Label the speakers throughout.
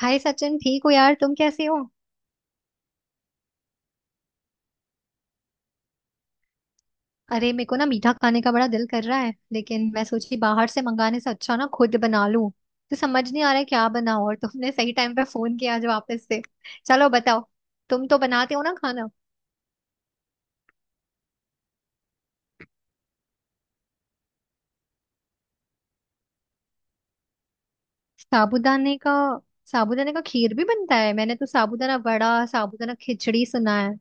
Speaker 1: हाय सचिन, ठीक हो यार? तुम कैसे हो? अरे, मेरे को ना मीठा खाने का बड़ा दिल कर रहा है, लेकिन मैं सोची बाहर से मंगाने से अच्छा ना खुद बना लूं। तो समझ नहीं आ रहा है क्या बनाऊं। और तुमने सही टाइम पे फोन किया आज वापस से। चलो बताओ, तुम तो बनाते हो ना खाना। साबूदाने का? साबूदाने का खीर भी बनता है? मैंने तो साबूदाना वड़ा, साबूदाना खिचड़ी सुना है।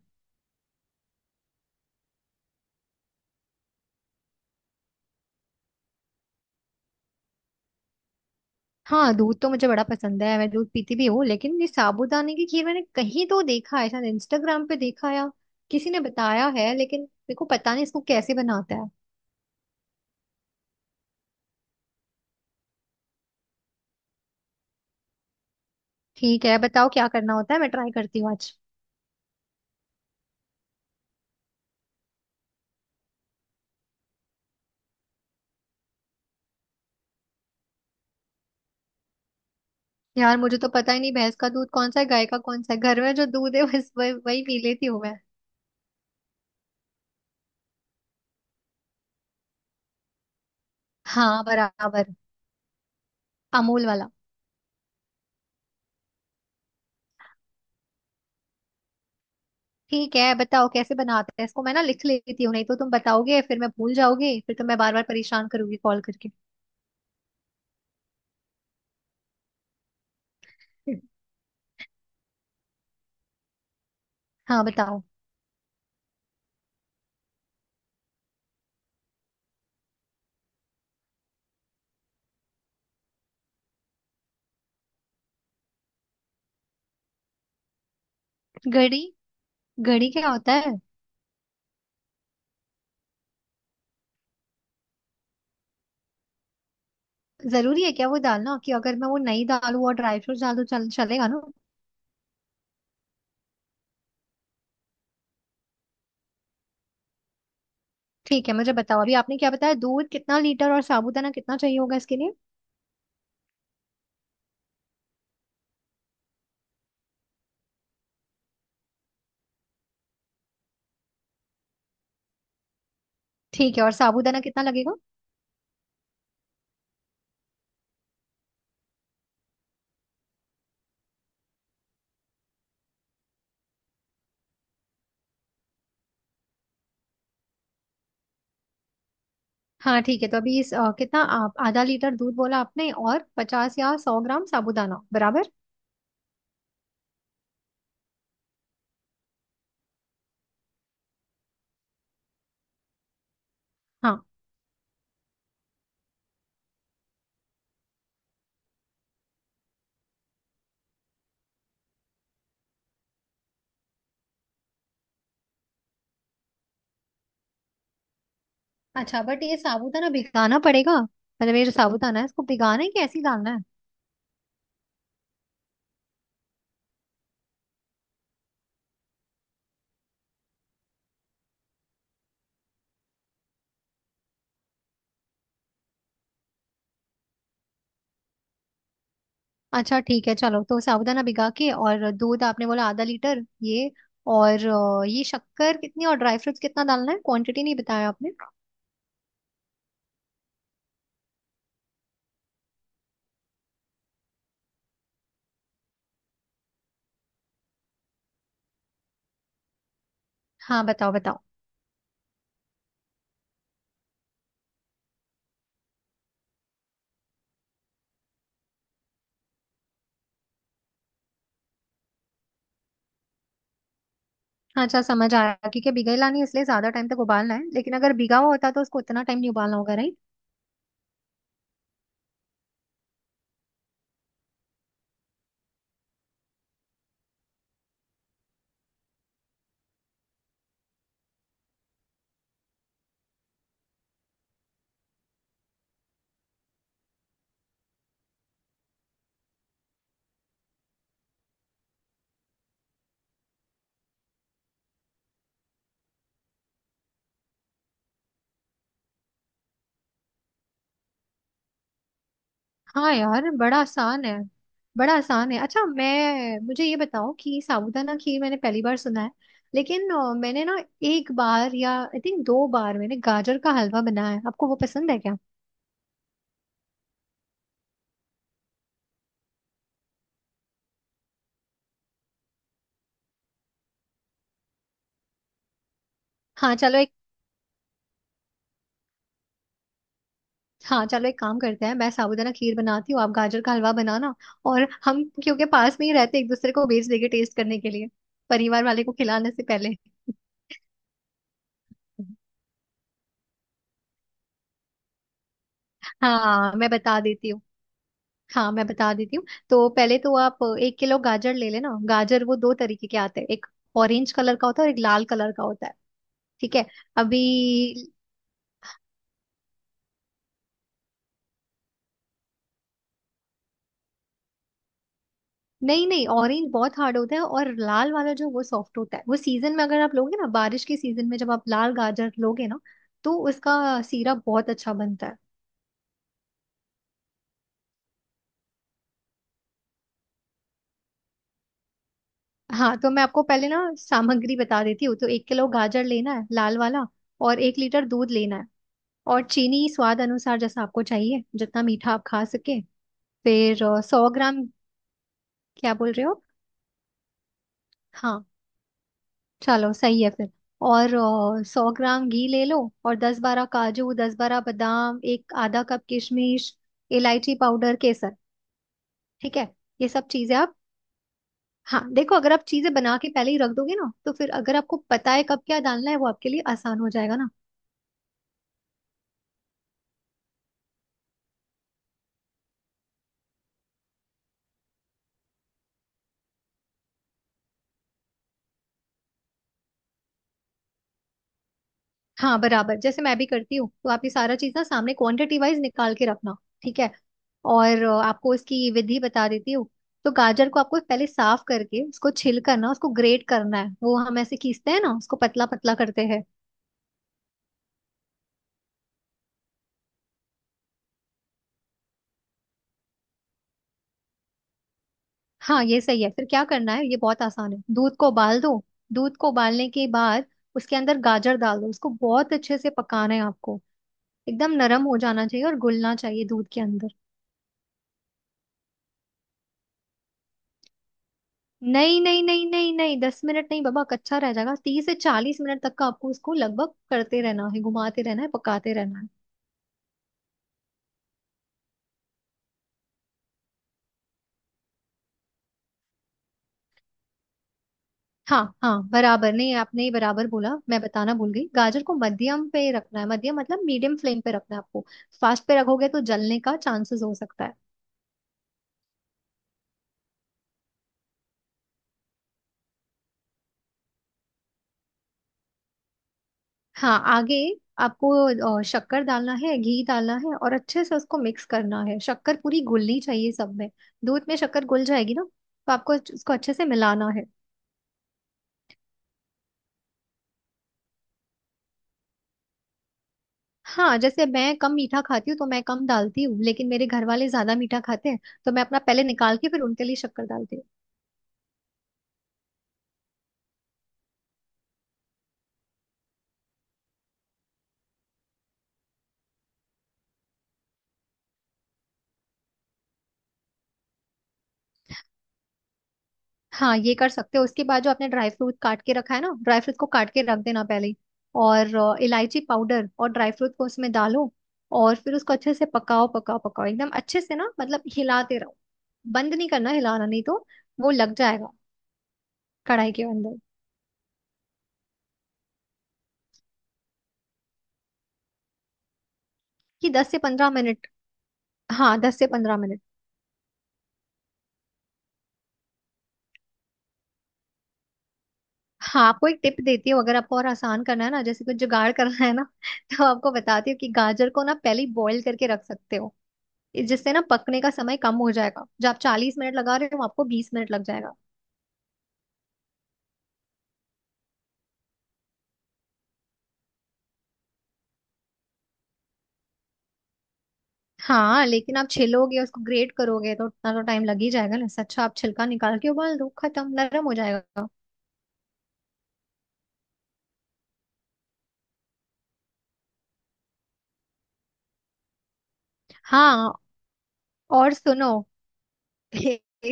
Speaker 1: हाँ, दूध तो मुझे बड़ा पसंद है, मैं दूध पीती भी हूँ। लेकिन ये साबूदाने की खीर मैंने कहीं तो देखा है, शायद इंस्टाग्राम पे देखा, या किसी ने बताया है। लेकिन मेरे को पता नहीं इसको कैसे बनाता है। ठीक है, बताओ क्या करना होता है, मैं ट्राई करती हूँ आज। यार, मुझे तो पता ही नहीं भैंस का दूध कौन सा है, गाय का कौन सा है। घर में जो दूध है, बस वही वही पी लेती हूँ मैं। हाँ बराबर। अमूल वाला। ठीक है, बताओ कैसे बनाते हैं इसको। मैं ना लिख लेती हूँ, नहीं तो तुम बताओगे फिर मैं भूल जाओगे, फिर तो मैं बार बार परेशान करूंगी कॉल करके। हाँ, बताओ। गरी? घड़ी क्या होता है? जरूरी है क्या वो डालना? कि अगर मैं वो नहीं डालूं और ड्राई फ्रूट्स डाल दूं चल चलेगा ना? ठीक है, मुझे बताओ अभी आपने क्या बताया। दूध कितना लीटर और साबूदाना कितना चाहिए होगा इसके लिए? ठीक है, और साबूदाना कितना लगेगा? हाँ ठीक है, तो अभी इस कितना, आप आधा लीटर दूध बोला आपने, और 50 या 100 ग्राम साबूदाना, बराबर? हाँ। अच्छा, बट ये साबूदाना भिगाना पड़ेगा? मतलब ये जो साबूदाना है इसको भिगाना है कि ऐसे ही डालना है? अच्छा ठीक है, चलो। तो साबूदाना भिगा के, और दूध आपने बोला आधा लीटर, ये। और ये शक्कर कितनी और ड्राई फ्रूट्स कितना डालना है? क्वांटिटी नहीं बताया आपने। हाँ बताओ, बताओ। अच्छा समझ आया, क्योंकि भिगाई लानी है इसलिए ज्यादा टाइम तक उबालना है। लेकिन अगर भिगा हुआ होता तो उसको उतना टाइम नहीं उबालना होगा, राइट? हाँ यार, बड़ा आसान है। बड़ा आसान है। अच्छा मैं, मुझे ये बताओ कि साबूदाना खीर मैंने पहली बार सुना है। लेकिन मैंने ना एक बार, या आई थिंक दो बार, मैंने गाजर का हलवा बनाया है। आपको वो पसंद है क्या? हाँ चलो। हाँ चलो, एक काम करते हैं, मैं साबूदाना खीर बनाती हूँ, आप गाजर का हलवा बनाना। और हम क्योंकि पास में ही रहते हैं, एक दूसरे को भेज देंगे टेस्ट करने के लिए, परिवार वाले को खिलाने से पहले। हाँ मैं बता देती हूँ। हाँ मैं बता देती हूँ। तो पहले तो आप 1 किलो गाजर ले लेना। गाजर वो दो तरीके के आते हैं, एक ऑरेंज कलर का होता है और एक लाल कलर का होता है। ठीक है? अभी, नहीं नहीं, ऑरेंज बहुत हार्ड होता है और लाल वाला जो वो सॉफ्ट होता है। वो सीजन में अगर आप लोगे ना, बारिश के सीजन में जब आप लाल गाजर लोगे ना, तो उसका सीरप बहुत अच्छा बनता है। हाँ तो मैं आपको पहले ना सामग्री बता देती हूँ। तो 1 किलो गाजर लेना है, लाल वाला। और 1 लीटर दूध लेना है। और चीनी स्वाद अनुसार, जैसा आपको चाहिए, जितना मीठा आप खा सके। फिर 100 ग्राम। क्या बोल रहे हो? हाँ चलो, सही है फिर। और 100 ग्राम घी ले लो। और 10-12 काजू, 10-12 बादाम, एक आधा कप किशमिश, इलायची पाउडर, केसर। ठीक है? ये सब चीजें आप। हाँ देखो, अगर आप चीजें बना के पहले ही रख दोगे ना, तो फिर अगर आपको पता है कब क्या डालना है, वो आपके लिए आसान हो जाएगा ना। हाँ बराबर, जैसे मैं भी करती हूँ। तो आप ये सारा चीज ना सामने क्वांटिटी वाइज निकाल के रखना। ठीक है? और आपको इसकी विधि बता देती हूँ। तो गाजर को आपको पहले साफ करके उसको छिल करना, उसको ग्रेट करना है। वो हम ऐसे खींचते हैं ना, उसको पतला पतला करते हैं। हाँ ये सही है। फिर क्या करना है, ये बहुत आसान है। दूध को उबाल दो। दूध को उबालने के बाद उसके अंदर गाजर डाल दो। उसको बहुत अच्छे से पकाना है आपको, एकदम नरम हो जाना चाहिए और घुलना चाहिए दूध के अंदर। नहीं नहीं नहीं नहीं नहीं, 10 मिनट नहीं बाबा, कच्चा रह जाएगा। 30 से 40 मिनट तक का आपको उसको लगभग करते रहना है, घुमाते रहना है, पकाते रहना है। हाँ हाँ बराबर। नहीं, आपने ही बराबर बोला, मैं बताना भूल गई। गाजर को मध्यम पे रखना है। मध्यम मतलब मीडियम फ्लेम पे रखना है आपको। फास्ट पे रखोगे तो जलने का चांसेस हो सकता है। हाँ आगे आपको शक्कर डालना है, घी डालना है, और अच्छे से उसको मिक्स करना है। शक्कर पूरी घुलनी चाहिए सब में। दूध में शक्कर घुल जाएगी ना, तो आपको उसको अच्छे से मिलाना है। हाँ, जैसे मैं कम मीठा खाती हूँ तो मैं कम डालती हूँ, लेकिन मेरे घर वाले ज्यादा मीठा खाते हैं। तो मैं अपना पहले निकाल के फिर उनके लिए शक्कर डालती हूँ। हाँ ये कर सकते हो। उसके बाद जो आपने ड्राई फ्रूट काट के रखा है ना, ड्राई फ्रूट को काट के रख देना पहले ही। और इलायची पाउडर और ड्राई फ्रूट को उसमें डालो। और फिर उसको अच्छे से पकाओ पकाओ पकाओ, एकदम अच्छे से ना, मतलब हिलाते रहो। बंद नहीं करना हिलाना, नहीं तो वो लग जाएगा कढ़ाई के अंदर। कि 10 से 15 मिनट। हाँ 10 से 15 मिनट। हाँ आपको एक टिप देती हूँ, अगर आपको और आसान करना है ना, जैसे कुछ जुगाड़ करना है ना। तो आपको बताती हूँ कि गाजर को ना पहले बॉईल करके रख सकते हो, जिससे ना पकने का समय कम हो जाएगा। जो आप 40 मिनट लगा रहे हो, आपको 20 मिनट लग जाएगा। हाँ लेकिन आप छिलोगे, उसको ग्रेट करोगे, तो उतना तो टाइम लग ही जाएगा ना। इससे अच्छा आप छिलका निकाल के उबाल दो, खत्म, नरम हो जाएगा। हाँ और सुनो,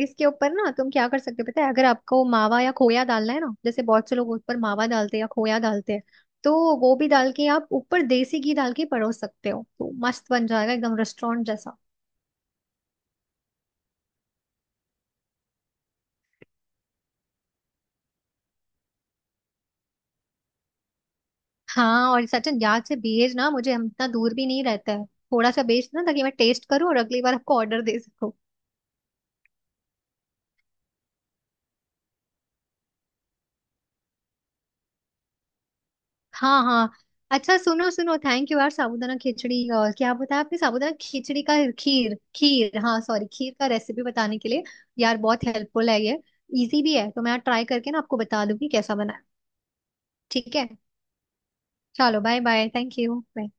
Speaker 1: इसके ऊपर ना तुम क्या कर सकते हो पता है, अगर आपको मावा या खोया डालना है ना, जैसे बहुत से लोग ऊपर मावा डालते हैं या खोया डालते हैं, तो वो भी डाल के आप ऊपर देसी घी डाल के परोस सकते हो, तो मस्त बन जाएगा एकदम रेस्टोरेंट जैसा। हाँ, और सचिन याद से भेज ना मुझे, हम इतना दूर भी नहीं रहता है, थोड़ा सा भेज ना, ताकि मैं टेस्ट करूँ और अगली बार आपको ऑर्डर दे सकूँ। हाँ हाँ। अच्छा सुनो सुनो, थैंक यू यार, साबूदाना खिचड़ी, और क्या बताया आपने, साबूदाना खिचड़ी का? खीर? खीर हाँ, सॉरी, खीर का रेसिपी बताने के लिए। यार बहुत हेल्पफुल है ये, इजी भी है। तो मैं ट्राई करके ना आपको बता दूंगी कैसा बना है। ठीक है, चलो बाय बाय, थैंक यू।